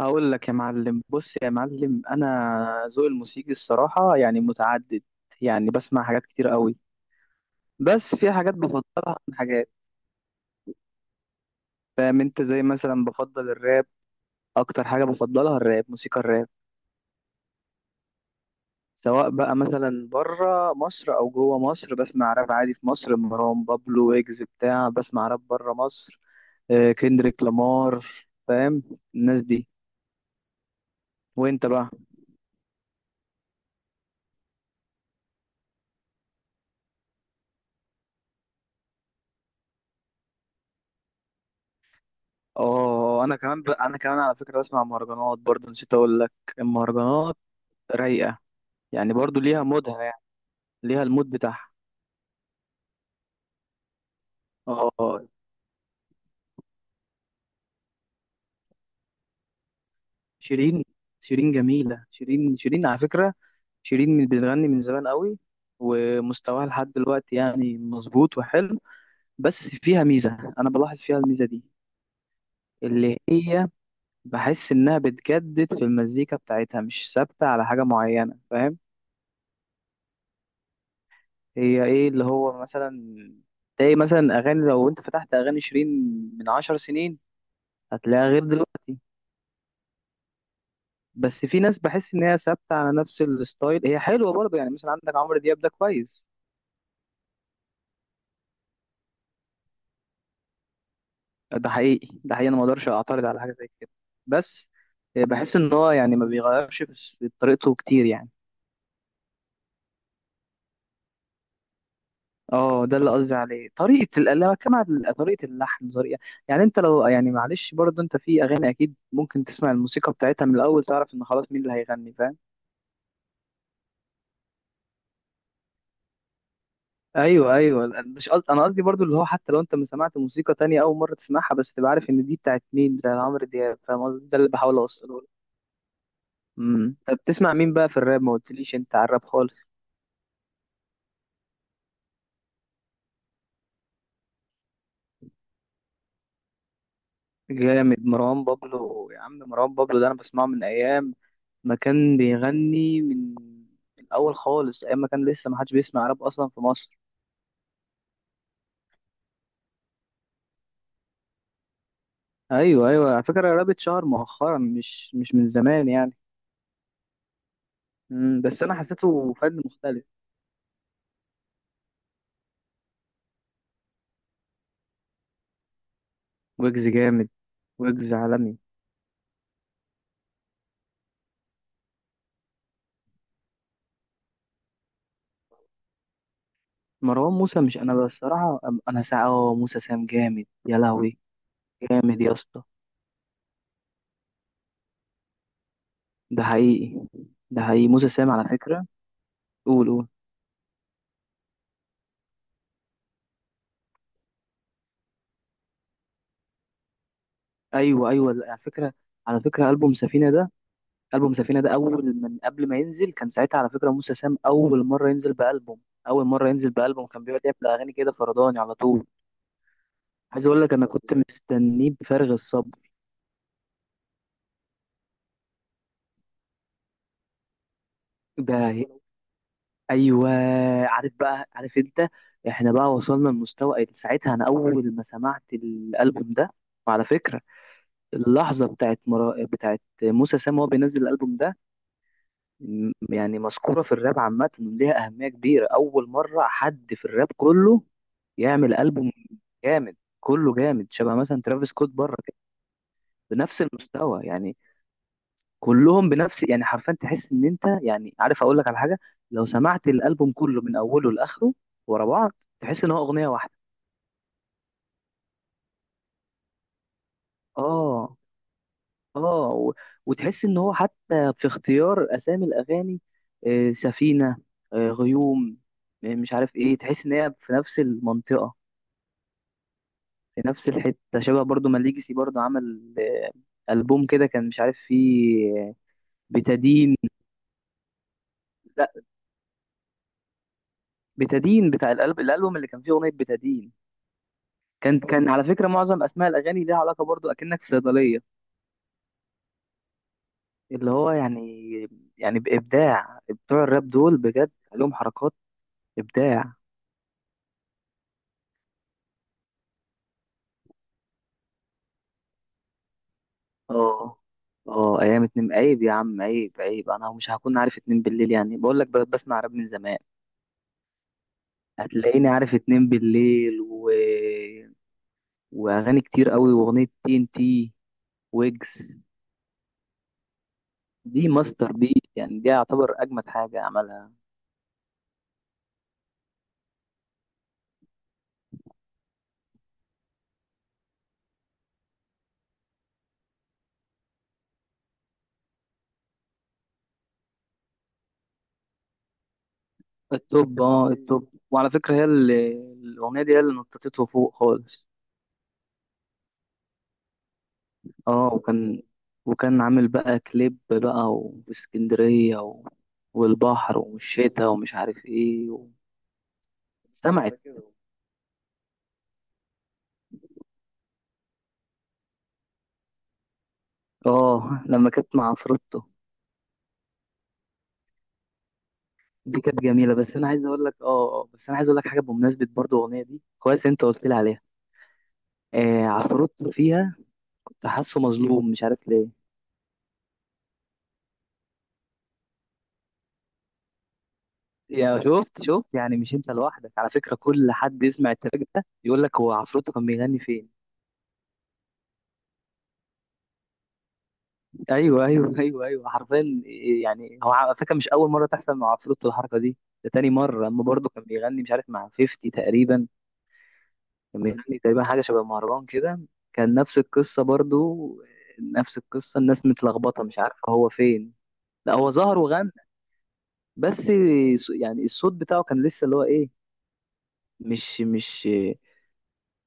هقول لك يا معلم، بص يا معلم، انا ذوقي الموسيقي الصراحه يعني متعدد. يعني بسمع حاجات كتير قوي. بس في حاجات بفضلها عن حاجات. فاهم؟ انت زي مثلا بفضل الراب. اكتر حاجه بفضلها الراب، موسيقى الراب. سواء بقى مثلا بره مصر او جوه مصر بسمع راب عادي. في مصر مروان بابلو، ويجز بتاع. بسمع راب بره مصر، كندريك لامار. فاهم؟ الناس دي. وانت بقى؟ اه انا كمان على فكره بسمع مهرجانات برضه، نسيت اقول لك. المهرجانات رايقة، يعني برضو ليها مودها يعني، ليها المود بتاعها. اه، شيرين. شيرين جميلة، شيرين. شيرين على فكرة، شيرين بتغني من زمان قوي، ومستواها لحد دلوقتي يعني مظبوط وحلو. بس فيها ميزة، أنا بلاحظ فيها الميزة دي، اللي هي بحس إنها بتجدد في المزيكا بتاعتها، مش ثابتة على حاجة معينة. فاهم؟ هي إيه اللي هو مثلا، تلاقي مثلا أغاني، لو أنت فتحت أغاني شيرين من 10 سنين هتلاقيها غير دلوقتي. بس في ناس بحس ان هي ثابته على نفس الستايل، هي حلوه برضه يعني. مثلا عندك عمرو دياب ده كويس. ده حقيقي، ده حقيقي، انا ما اقدرش اعترض على حاجه زي كده. بس بحس ان هو يعني ما بيغيرش في طريقته كتير يعني. اه، ده اللي قصدي عليه، طريقه اللي بتكلم على طريقه اللحن، طريقه. يعني انت لو يعني معلش برضه انت في اغاني اكيد ممكن تسمع الموسيقى بتاعتها من الاول، تعرف ان خلاص مين اللي هيغني. فاهم؟ ايوه ايوه، مش قصد... انا قصدي برضو اللي هو حتى لو انت ما سمعت موسيقى تانية، اول مره تسمعها بس تبقى عارف ان دي بتاعت مين، بتاعت عمرو دياب. فاهم قصدي؟ ده اللي بحاول اوصله لك. طب بتسمع مين بقى في الراب؟ ما قلتليش انت على الراب خالص. جامد مروان بابلو. يا عم مروان بابلو ده انا بسمعه من ايام ما كان بيغني من الاول خالص، ايام ما كان لسه ما حدش بيسمع راب اصلا في مصر. ايوه ايوه، على فكره الراب اتشهر مؤخرا، مش من زمان يعني. بس انا حسيته فن مختلف. ويجز جامد. ويجز عالمي. مروان موسى مش، انا بصراحه انا ساعه اه، موسى سام جامد يا لهوي، جامد يا اسطى. ده حقيقي، ده حقيقي، موسى سام على فكره. قول قول. ايوه ايوه، على فكره، على فكره البوم سفينه ده، البوم سفينه ده اول من قبل ما ينزل كان ساعتها، على فكره موسى سام اول مره ينزل بالبوم، اول مره ينزل بالبوم كان بيقعد يعمل اغاني كده فرداني على طول. عايز اقول لك انا كنت مستنيه بفارغ الصبر. ده. ايوه. عارف بقى، عارف انت احنا بقى وصلنا لمستوى إيه، ساعتها انا اول ما سمعت الالبوم ده، وعلى فكره اللحظه بتاعت موسى سام وهو بينزل الالبوم ده، يعني مذكوره في الراب عامه، ليها اهميه كبيره. اول مره حد في الراب كله يعمل البوم جامد، كله جامد، شبه مثلا ترافيس سكوت بره كده، بنفس المستوى يعني، كلهم بنفس. يعني حرفيا تحس ان انت يعني، عارف اقول لك على حاجه؟ لو سمعت الالبوم كله من اوله لاخره ورا بعض تحس ان هو اغنيه واحده. اه اه، وتحس ان هو حتى في اختيار اسامي الاغاني، آه سفينه، آه غيوم، مش عارف ايه، تحس ان هي في نفس المنطقه، في نفس الحته. شبه برضو ما ليجسي برضو عمل آه البوم كده، كان مش عارف فيه بتدين. لا، بتدين بتاع الالبوم اللي كان فيه اغنيه بتدين. كان على فكرة معظم أسماء الأغاني ليها علاقة، برضو أكنك في صيدلية. اللي هو يعني، يعني بإبداع. بتوع الراب دول بجد لهم حركات، إبداع. اه اه، أيام اتنين، عيب يا عم، عيب، أنا مش هكون عارف اتنين بالليل؟ يعني بقول لك بسمع راب من زمان. هتلاقيني عارف اتنين بالليل وأغاني كتير قوي، وأغنية تي إن تي. ويجز، دي ماستر بيس يعني، دي يعتبر أجمد حاجة عملها. التوب، التوب، وعلى فكرة هي اللي، الأغنية دي هي اللي نطتته فوق خالص. اه وكان، وكان عامل بقى كليب بقى، واسكندرية والبحر والشتا، ومش عارف ايه سمعت. اه، لما كانت مع عفروتو دي كانت جميلة. بس انا عايز اقول لك اه، بس انا عايز اقول لك حاجة، بمناسبة برضو الاغنية دي كويس انت قلت لي عليها. آه عفروتو فيها، كنت حاسه مظلوم مش عارف ليه. يا شفت، شفت، يعني مش انت لوحدك، على فكرة كل حد يسمع التراك ده يقول لك هو عفروتو كان بيغني فين. ايوه ايوه ايوه ايوه، حرفيا. يعني هو على فكره مش اول مره تحصل مع عفروتو الحركه دي، ده تاني مره. اما برضه كان بيغني مش عارف مع 50 تقريبا، كان بيغني تقريبا حاجه شبه مهرجان كده. كان نفس القصه برضه، نفس القصه، الناس متلخبطه مش عارفه هو فين. لا، هو ظهر وغنى. بس يعني الصوت بتاعه كان لسه اللي هو ايه، مش مش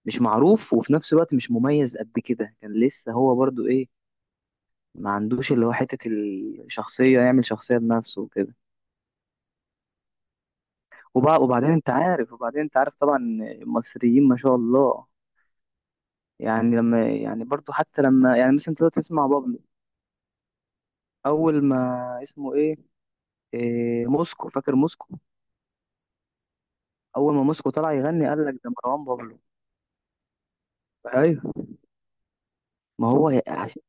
مش معروف، وفي نفس الوقت مش مميز قد كده. كان لسه هو برضه ايه، ما عندوش اللي هو حته الشخصيه، يعمل شخصيه بنفسه وكده. وبعدين انت عارف، طبعا المصريين ما شاء الله. يعني لما يعني برضو حتى لما يعني مثلا انت دلوقتي تسمع بابلو، اول ما اسمه ايه، إيه موسكو، فاكر موسكو؟ اول ما موسكو طلع يغني قال لك ده مروان بابلو. ايوه، ما هو عشان.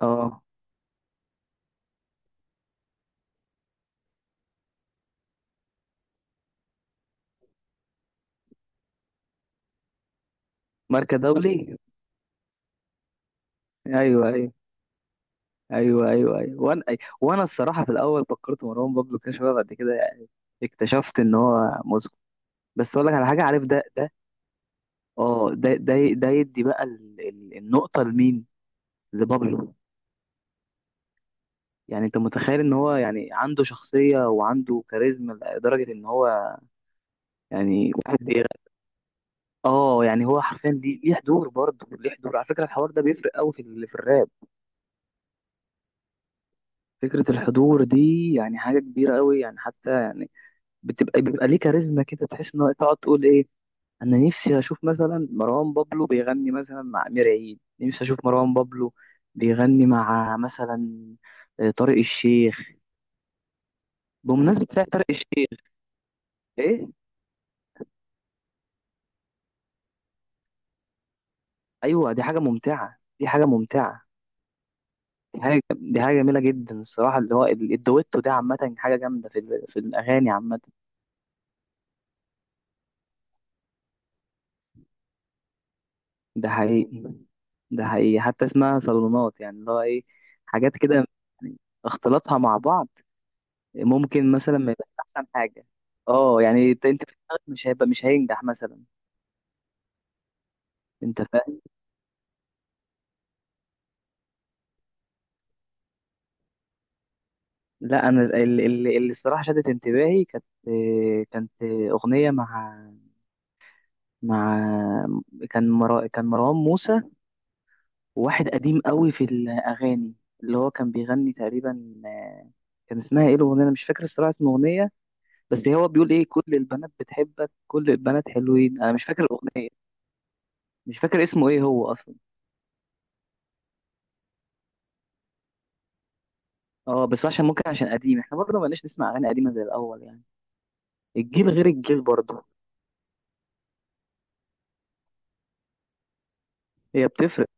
اه ماركة دولي. ايوه ايوه ايوه ايوه ايوه. وانا وانا الصراحه في الاول فكرت مروان بابلو، كده شويه بعد كده يعني اكتشفت ان هو موسكو. بس اقول لك على حاجه، عارف ده، ده، اه، ده يدي بقى النقطه لمين؟ لبابلو. يعني انت متخيل ان هو يعني عنده شخصية وعنده كاريزما لدرجة ان هو يعني واحد اه يعني هو حرفيا ليه، حضور، برضه ليه حضور، على فكرة الحوار ده بيفرق قوي في في الراب. فكرة الحضور دي يعني حاجة كبيرة قوي يعني حتى يعني، بتبقى، بيبقى ليه كاريزما كده، تحس ان هو تقعد تقول ايه. انا نفسي اشوف مثلا مروان بابلو بيغني مثلا مع امير عيد، نفسي اشوف مروان بابلو بيغني مع مثلا آه، طارق الشيخ، بمناسبة ساعة طارق الشيخ. ايه؟ ايوه دي حاجه ممتعه، دي حاجه ممتعه، دي حاجه، دي حاجه جميله جدا الصراحه. اللي هو الدويتو ده عامه حاجه جامده في في الاغاني عامه. ده حقيقي، ده حقيقي، حتى اسمها صالونات، يعني اللي هو ايه، حاجات كده يعني، اختلاطها مع بعض ممكن مثلا ما يبقاش احسن حاجه. اه يعني انت في دماغك مش هيبقى، مش هينجح مثلا. انت فاهم؟ لا انا ال- اللي الصراحه شدت انتباهي كانت، كانت اغنيه مع، مع، كان كان مروان موسى. واحد قديم قوي في الاغاني، اللي هو كان بيغني تقريبا كان اسمها ايه الاغنيه؟ انا مش فاكر الصراحه اسم الاغنيه، بس هو بيقول ايه، كل البنات بتحبك، كل البنات حلوين. انا مش فاكر الاغنيه، مش فاكر اسمه ايه هو اصلا. اه بس عشان ممكن عشان قديم، احنا برضه مالناش نسمع اغاني قديمه زي الاول يعني. الجيل غير الجيل برضه، هي بتفرق